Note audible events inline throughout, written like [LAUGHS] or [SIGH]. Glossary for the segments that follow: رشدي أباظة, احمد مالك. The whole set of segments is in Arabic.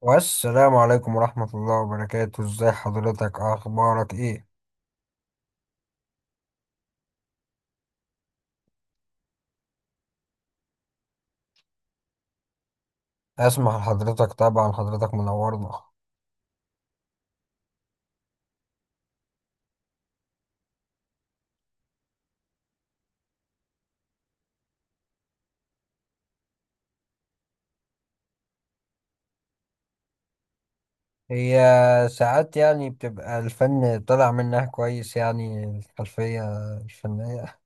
والسلام عليكم ورحمة الله وبركاته ازاي حضرتك؟ اخبارك ايه؟ اسمح لحضرتك طبعا، حضرتك منورنا. هي ساعات يعني بتبقى الفن طالع منها كويس، يعني الخلفية الفنية.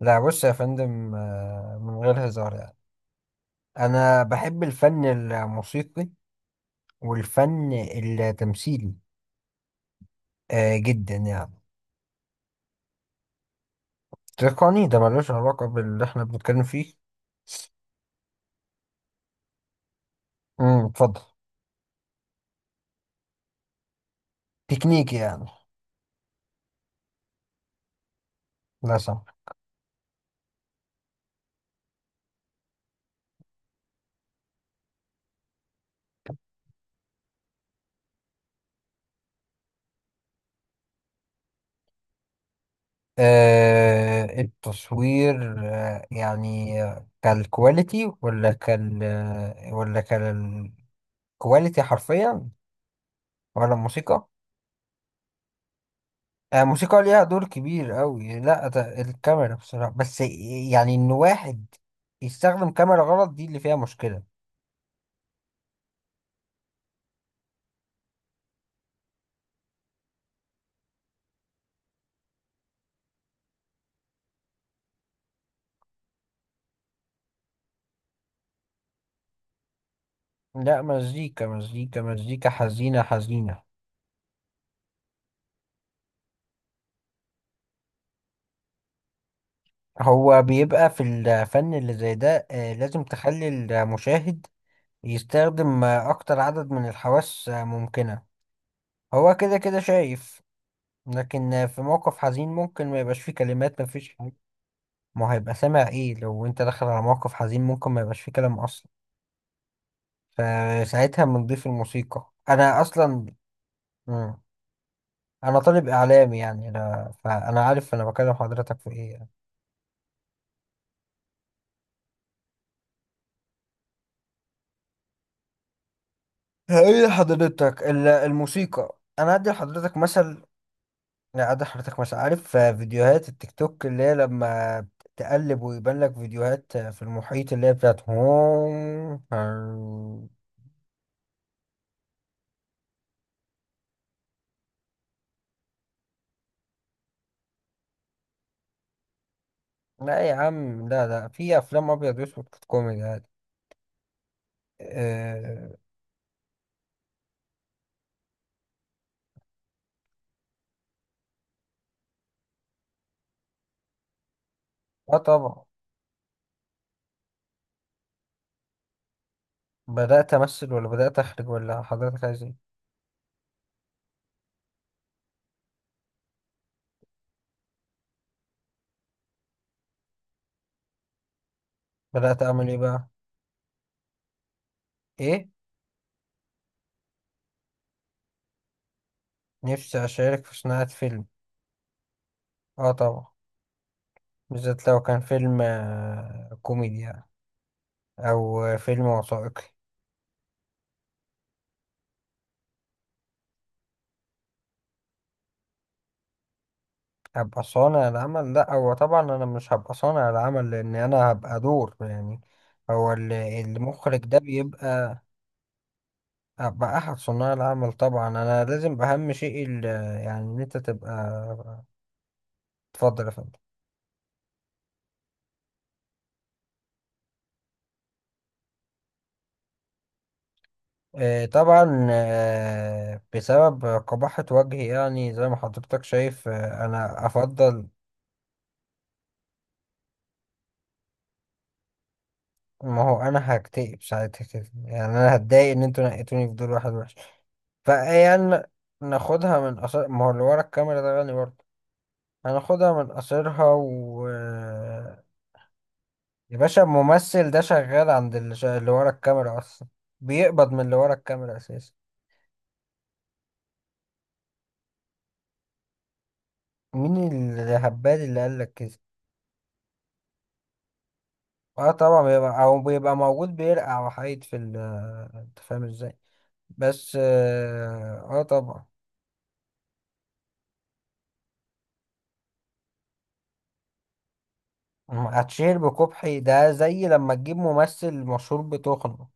لا بص يا فندم، من غير هزار يعني. انا بحب الفن الموسيقي والفن التمثيلي جدا يعني. تقني؟ ده ملوش علاقة باللي احنا بنتكلم فيه. اتفضل. تكنيكي يعني. لا سمح. التصوير يعني كالكواليتي ولا كالكواليتي حرفيا، ولا الموسيقى؟ الموسيقى ليها دور كبير قوي، لا ده الكاميرا بصراحة، بس يعني ان واحد يستخدم كاميرا غلط، دي اللي فيها مشكلة. لا، مزيكا مزيكا مزيكا حزينة حزينة. هو بيبقى في الفن اللي زي ده، لازم تخلي المشاهد يستخدم أكتر عدد من الحواس ممكنة. هو كده كده شايف. لكن في موقف حزين ممكن ما يبقاش فيه كلمات، ما فيش حاجة. ما هو هيبقى سامع ايه؟ لو انت داخل على موقف حزين ممكن ما يبقاش فيه كلام اصلا، فساعتها بنضيف الموسيقى انا اصلا. مم. انا طالب اعلامي يعني، فانا عارف انا بكلم حضرتك في ايه يعني. هقول لحضرتك الموسيقى، انا ادي لحضرتك مثل. لا، ادي لحضرتك مثل، عارف في فيديوهات التيك توك اللي هي لما تقلب ويبان لك فيديوهات في المحيط اللي هي بتاعت هوم. لا يا عم، لا، لا، في افلام ابيض واسود كانت كوميدي عادي. اه. آه طبعا. بدات امثل ولا بدات اخرج ولا حضرتك عايز ايه؟ بدات اعمل ايه بقى؟ ايه؟ نفسي اشارك في صناعه فيلم. اه طبعا. بالذات لو كان فيلم كوميدي يعني. او فيلم وثائقي. هبقى صانع العمل؟ لا، هو طبعا انا مش هبقى صانع العمل لان انا هبقى دور يعني، هو المخرج ده بيبقى. ابقى احد صناع العمل طبعا، انا لازم اهم شيء يعني ان انت تبقى. اتفضل يا فندم. طبعا، بسبب قباحة وجهي يعني، زي ما حضرتك شايف، انا افضل. ما هو انا هكتئب ساعتها كده يعني، انا هتضايق ان انتوا نقيتوني في دور واحد وحش. فيعني ناخدها من قصر، ما هو اللي ورا الكاميرا ده غني برضه. هناخدها من قصرها و آه، يا باشا الممثل ده شغال عند اللي ورا الكاميرا اصلا. بيقبض من اللي ورا الكاميرا اساسا. مين الهبال اللي قال لك كده؟ اه طبعا بيبقى موجود، بيرقع وحيد في ال. انت فاهم ازاي؟ بس اه، طبعا. هتشهر بكبحي؟ ده زي لما تجيب ممثل مشهور بتخنه.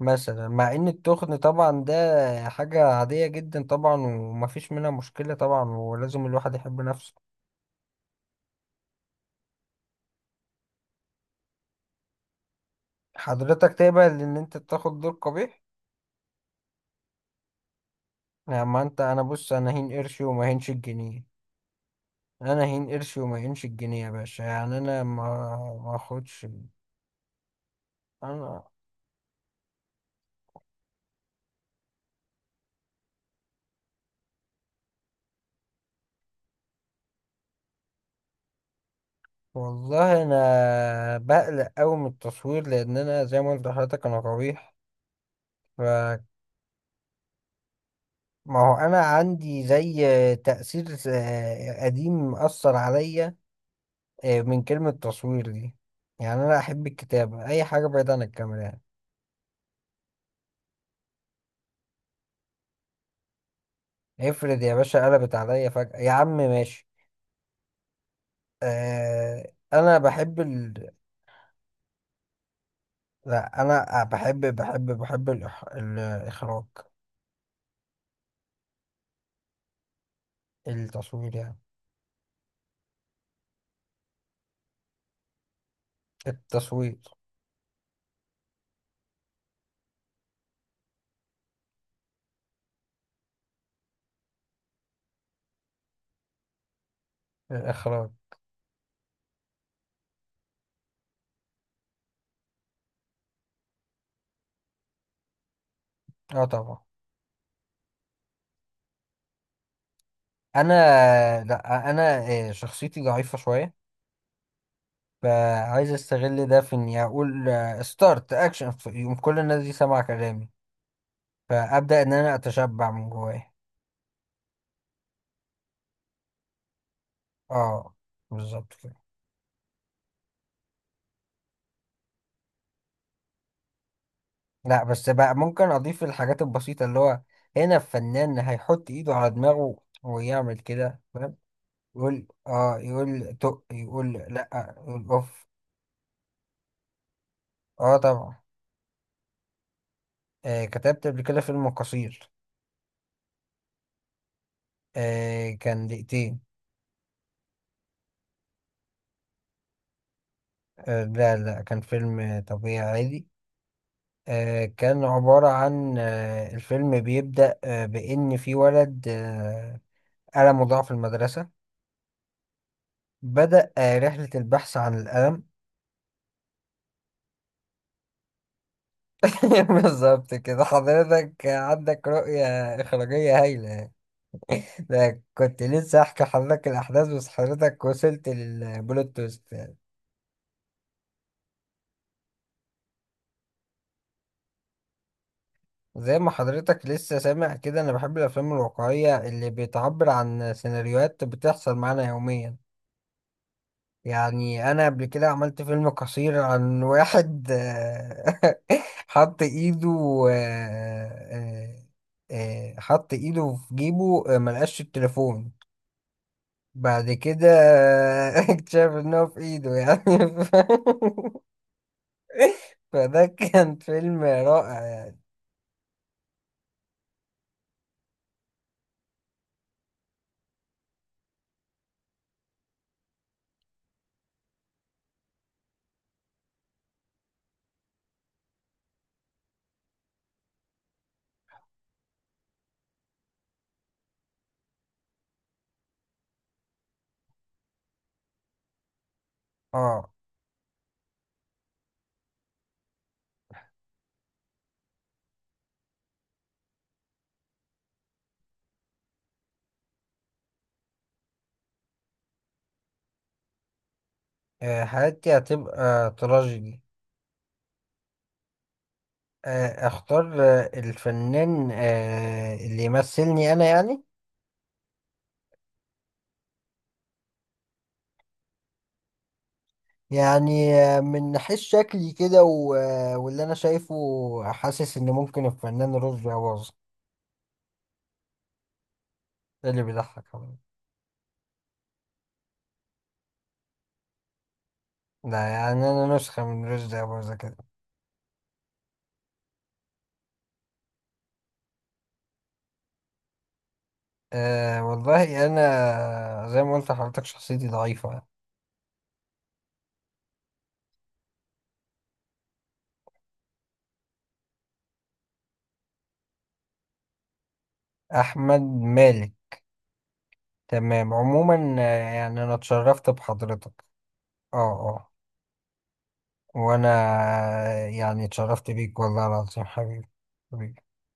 مثلا، مع ان التخن طبعا ده حاجة عادية جدا طبعا، ومفيش منها مشكلة طبعا، ولازم الواحد يحب نفسه. حضرتك تقبل ان انت تاخد دور قبيح؟ يا ما انت، انا بص، انا هين قرشي وما هينش الجنيه. انا هين قرشي وما هينش الجنيه يا باشا، يعني انا ما اخدش انا. والله انا بقلق قوي من التصوير لان انا زي ما قلت لحضرتك انا قبيح. فما هو انا عندي زي تأثير قديم مأثر عليا من كلمة تصوير دي. يعني انا احب الكتابة، اي حاجة بعيد عن الكاميرا يعني. افرض يا باشا قلبت عليا فجأة، يا عم ماشي. انا بحب، لا انا بحب الاخراج. التصوير يعني. التصوير. الاخراج. اه طبعا. انا، لا انا، شخصيتي ضعيفه شويه. فعايز استغل ده في اني اقول ستارت اكشن، يقوم كل الناس دي سامعه كلامي. فابدا ان انا اتشبع من جوايا. اه بالظبط كده. لا بس بقى ممكن اضيف الحاجات البسيطه، اللي هو هنا الفنان هيحط ايده على دماغه ويعمل كده. يقول اه، يقول تق، يقول لا، يقول اوف. اه طبعا. كتبت قبل كده فيلم قصير. كان دقيقتين. لا، لا، كان فيلم طبيعي عادي. كان عبارة عن الفيلم بيبدأ بإن في ولد ألمه ضاع في المدرسة. بدأ رحلة البحث عن الألم. [LAUGHS] بالظبط كده، حضرتك عندك رؤية إخراجية هايلة. ده كنت لسه احكي حضرتك الاحداث، بس حضرتك وصلت للبلوت تويست يعني. زي ما حضرتك لسه سامع كده، انا بحب الافلام الواقعيه اللي بتعبر عن سيناريوهات بتحصل معانا يوميا. يعني انا قبل كده عملت فيلم قصير عن واحد، [LAUGHS] حط ايده آه، حط ايده في جيبه، ملقاش التليفون. بعد كده [LAUGHS] اكتشف ان هو في ايده يعني. [LAUGHS] [LAUGHS] فده كان فيلم رائع يعني. اه. حياتي هتبقى تراجيدي. اختار الفنان اللي يمثلني انا يعني. يعني من ناحية شكلي كده واللي انا شايفه. حاسس ان ممكن الفنان رشدي أباظة. ده اللي بيضحك أوي. ده يعني انا نسخة من رشدي أباظة كده. والله انا زي ما قلت لحضرتك شخصيتي ضعيفة يعني. احمد مالك. تمام عموما، يعني انا اتشرفت بحضرتك. اه، اه، وانا، يعني اتشرفت بيك والله العظيم حبيبي. حبيبي.